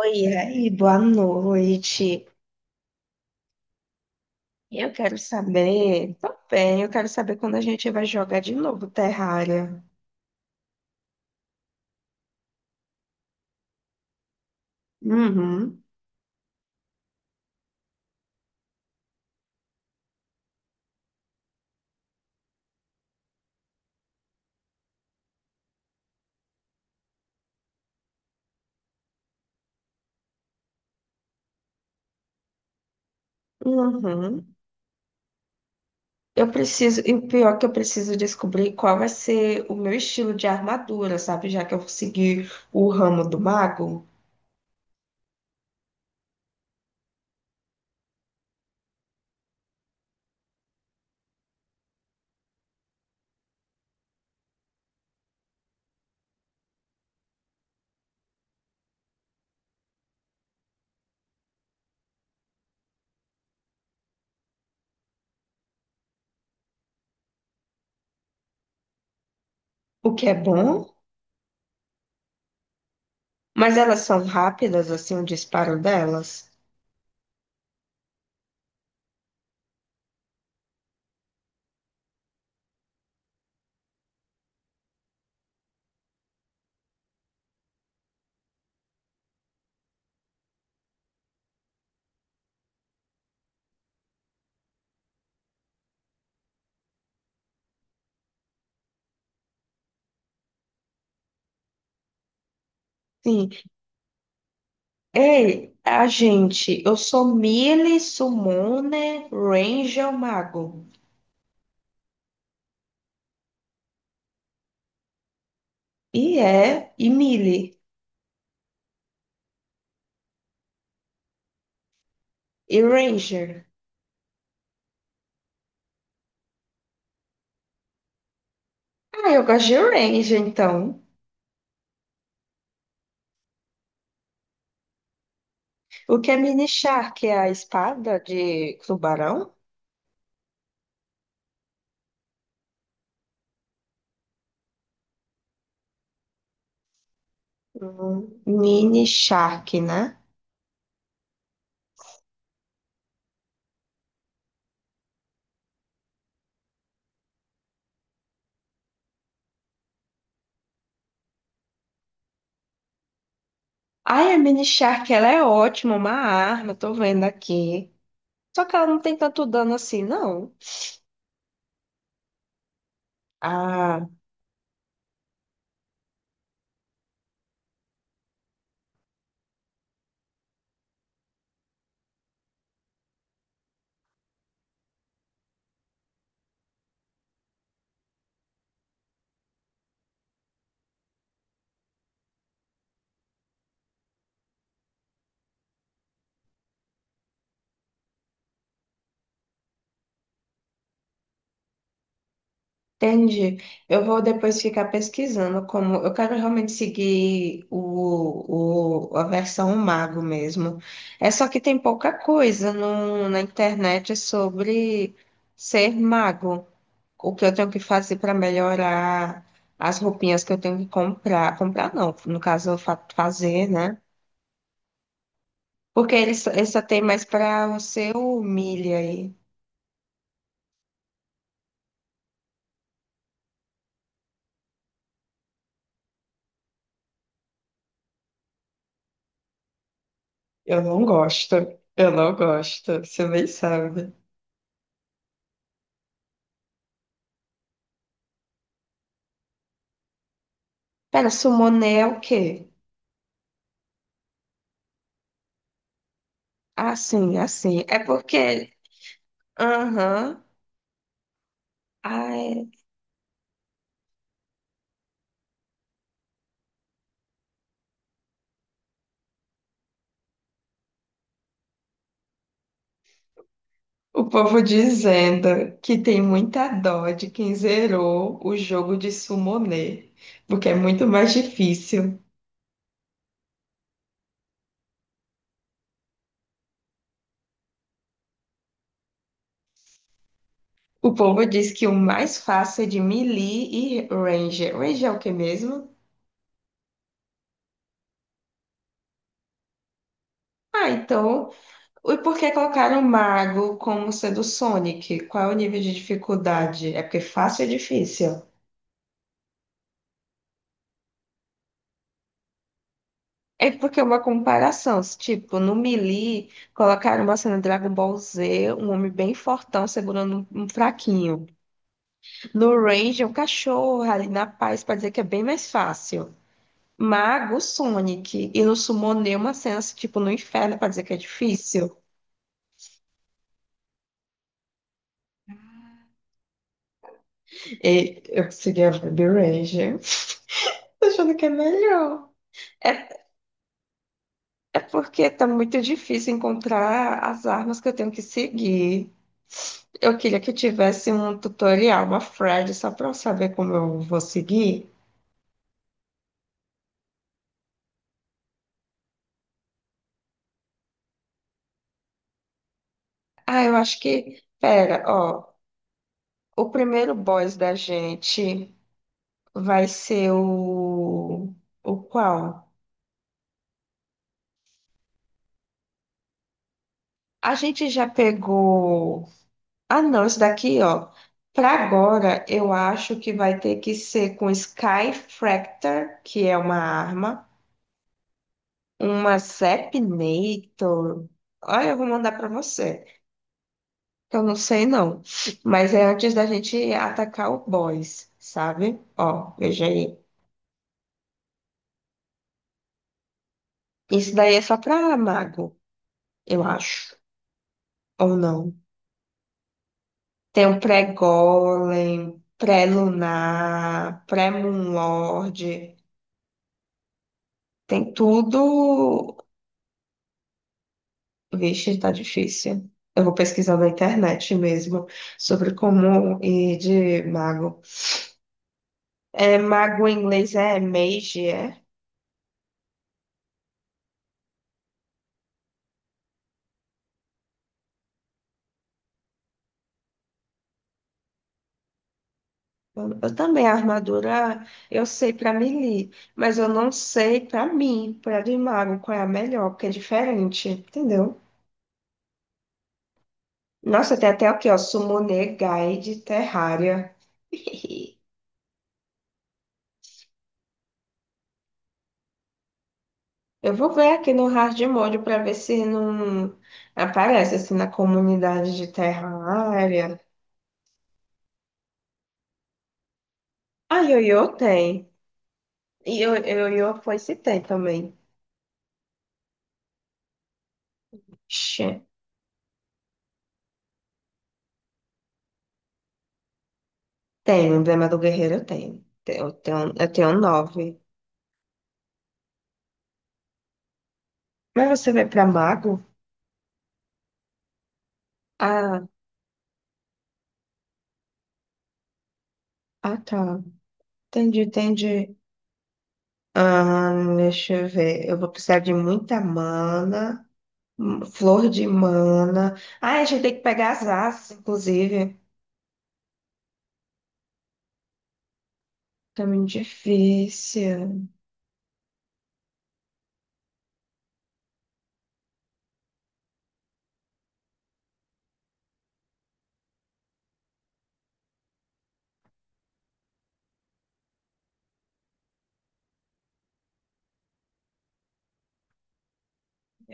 Oi, e aí, boa noite. Eu quero saber, tô bem, eu quero saber quando a gente vai jogar de novo Terraria. Uhum, uhum. Eu preciso, e o pior é que eu preciso descobrir qual vai ser o meu estilo de armadura, sabe? Já que eu segui o ramo do mago, o que é bom, mas elas são rápidas, assim, o disparo delas. Sim. Ei, a gente, eu sou melee, summoner, ranger, mago. E é, e Millie, e Ranger. Ah, eu gosto de Ranger, então. O que é Mini Shark? É a espada de tubarão? Mini Shark, né? Ai, a Mini Shark, ela é ótima, uma arma, tô vendo aqui. Só que ela não tem tanto dano assim, não. Ah, entendi. Eu vou depois ficar pesquisando como eu quero realmente seguir a versão mago mesmo. É só que tem pouca coisa na internet sobre ser mago, o que eu tenho que fazer para melhorar as roupinhas que eu tenho que comprar. Comprar não, no caso eu fazer, né? Porque eles só tem mais para o seu milha aí. Eu não gosto, eu não gosto, você nem sabe. Pera, summoner é o quê? É porque, aham, ai, o povo dizendo que tem muita dó de quem zerou o jogo de Summoner, porque é muito mais difícil. O povo diz que o mais fácil é de Melee e Ranger. Ranger é o que mesmo? Ah, então, e por que colocaram o Mago como sendo o Sonic? Qual é o nível de dificuldade? É porque fácil é difícil. É porque é uma comparação. Se, Tipo, no Melee, colocaram uma cena de Dragon Ball Z, um homem bem fortão segurando um fraquinho. No Range é um cachorro ali na paz pra dizer que é bem mais fácil. Mago, Sonic. E no Summoner, uma cena assim, tipo no inferno pra dizer que é difícil. E eu seria a o Ranger, tô achando que é melhor. É porque tá muito difícil encontrar as armas que eu tenho que seguir. Eu queria que eu tivesse um tutorial, uma thread, só para eu saber como eu vou seguir. Ah, eu acho que. Pera, ó. O primeiro boss da gente vai ser o. O qual? A gente já pegou. Ah, não, isso daqui, ó. Para agora, eu acho que vai ter que ser com Sky Fractor, que é uma arma. Uma Sepnator. Olha, eu vou mandar pra você. Que eu não sei, não. Mas é antes da gente atacar o boss, sabe? Ó, veja aí. Isso daí é só pra mago, eu acho. Ou não. Tem um pré-golem, pré-lunar, pré-moonlord. Tem tudo. Vixe, tá difícil. Eu vou pesquisar na internet mesmo sobre como ir de mago. É, mago em inglês é mage, é? Eu também, a armadura, eu sei pra melee, mas eu não sei pra mim, pra de mago, qual é a melhor, porque é diferente, entendeu? Nossa, tem até aqui, ó, Summoner Guide Terraria. Eu vou ver aqui no Hard Mode pra ver se não aparece, assim, na comunidade de Terraria. Ah, Yoyo tem. E Yoyo foi se tem também. Tenho, emblema do guerreiro eu tenho. Eu tenho 9. Mas você vai pra mago? Ah, ah, tá. Entendi, entendi. Ah, deixa eu ver. Eu vou precisar de muita mana, flor de mana. Ah, a gente tem que pegar as asas, inclusive. Tá muito difícil.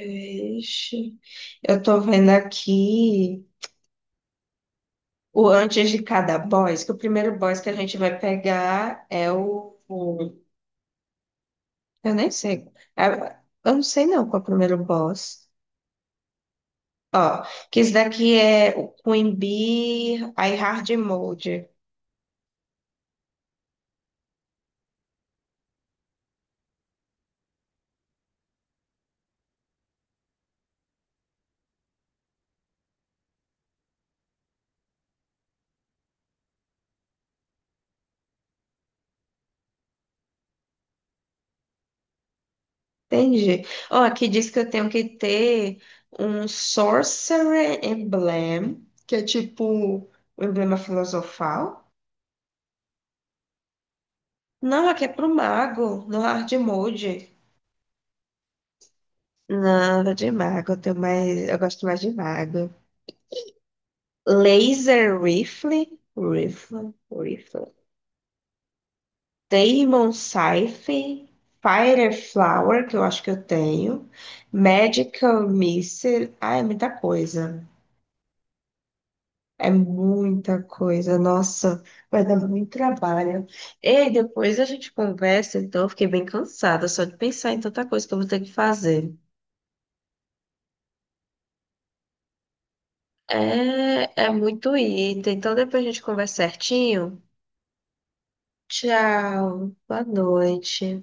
Ixi. Eu tô vendo aqui o antes de cada boss, que o primeiro boss que a gente vai pegar é o. Eu nem sei. É, eu não sei não qual é o primeiro boss. Ó, que esse daqui é o Queen Bee, aí Hard Mode. Entendi. Ó, aqui diz que eu tenho que ter um Sorcerer Emblem, que é tipo o emblema filosofal. Não, aqui é pro mago, no Hard Mode. Não, eu de mago, eu tenho mais, eu gosto mais de mago. Laser Rifle, Rifle, Rifle. Demon Scythe, Fireflower, que eu acho que eu tenho, Magical Missile, ah, é muita coisa. É muita coisa, nossa, vai dar muito trabalho. E depois a gente conversa, então eu fiquei bem cansada só de pensar em tanta coisa que eu vou ter que fazer. É, é muito item, então depois a gente conversa certinho. Tchau, boa noite.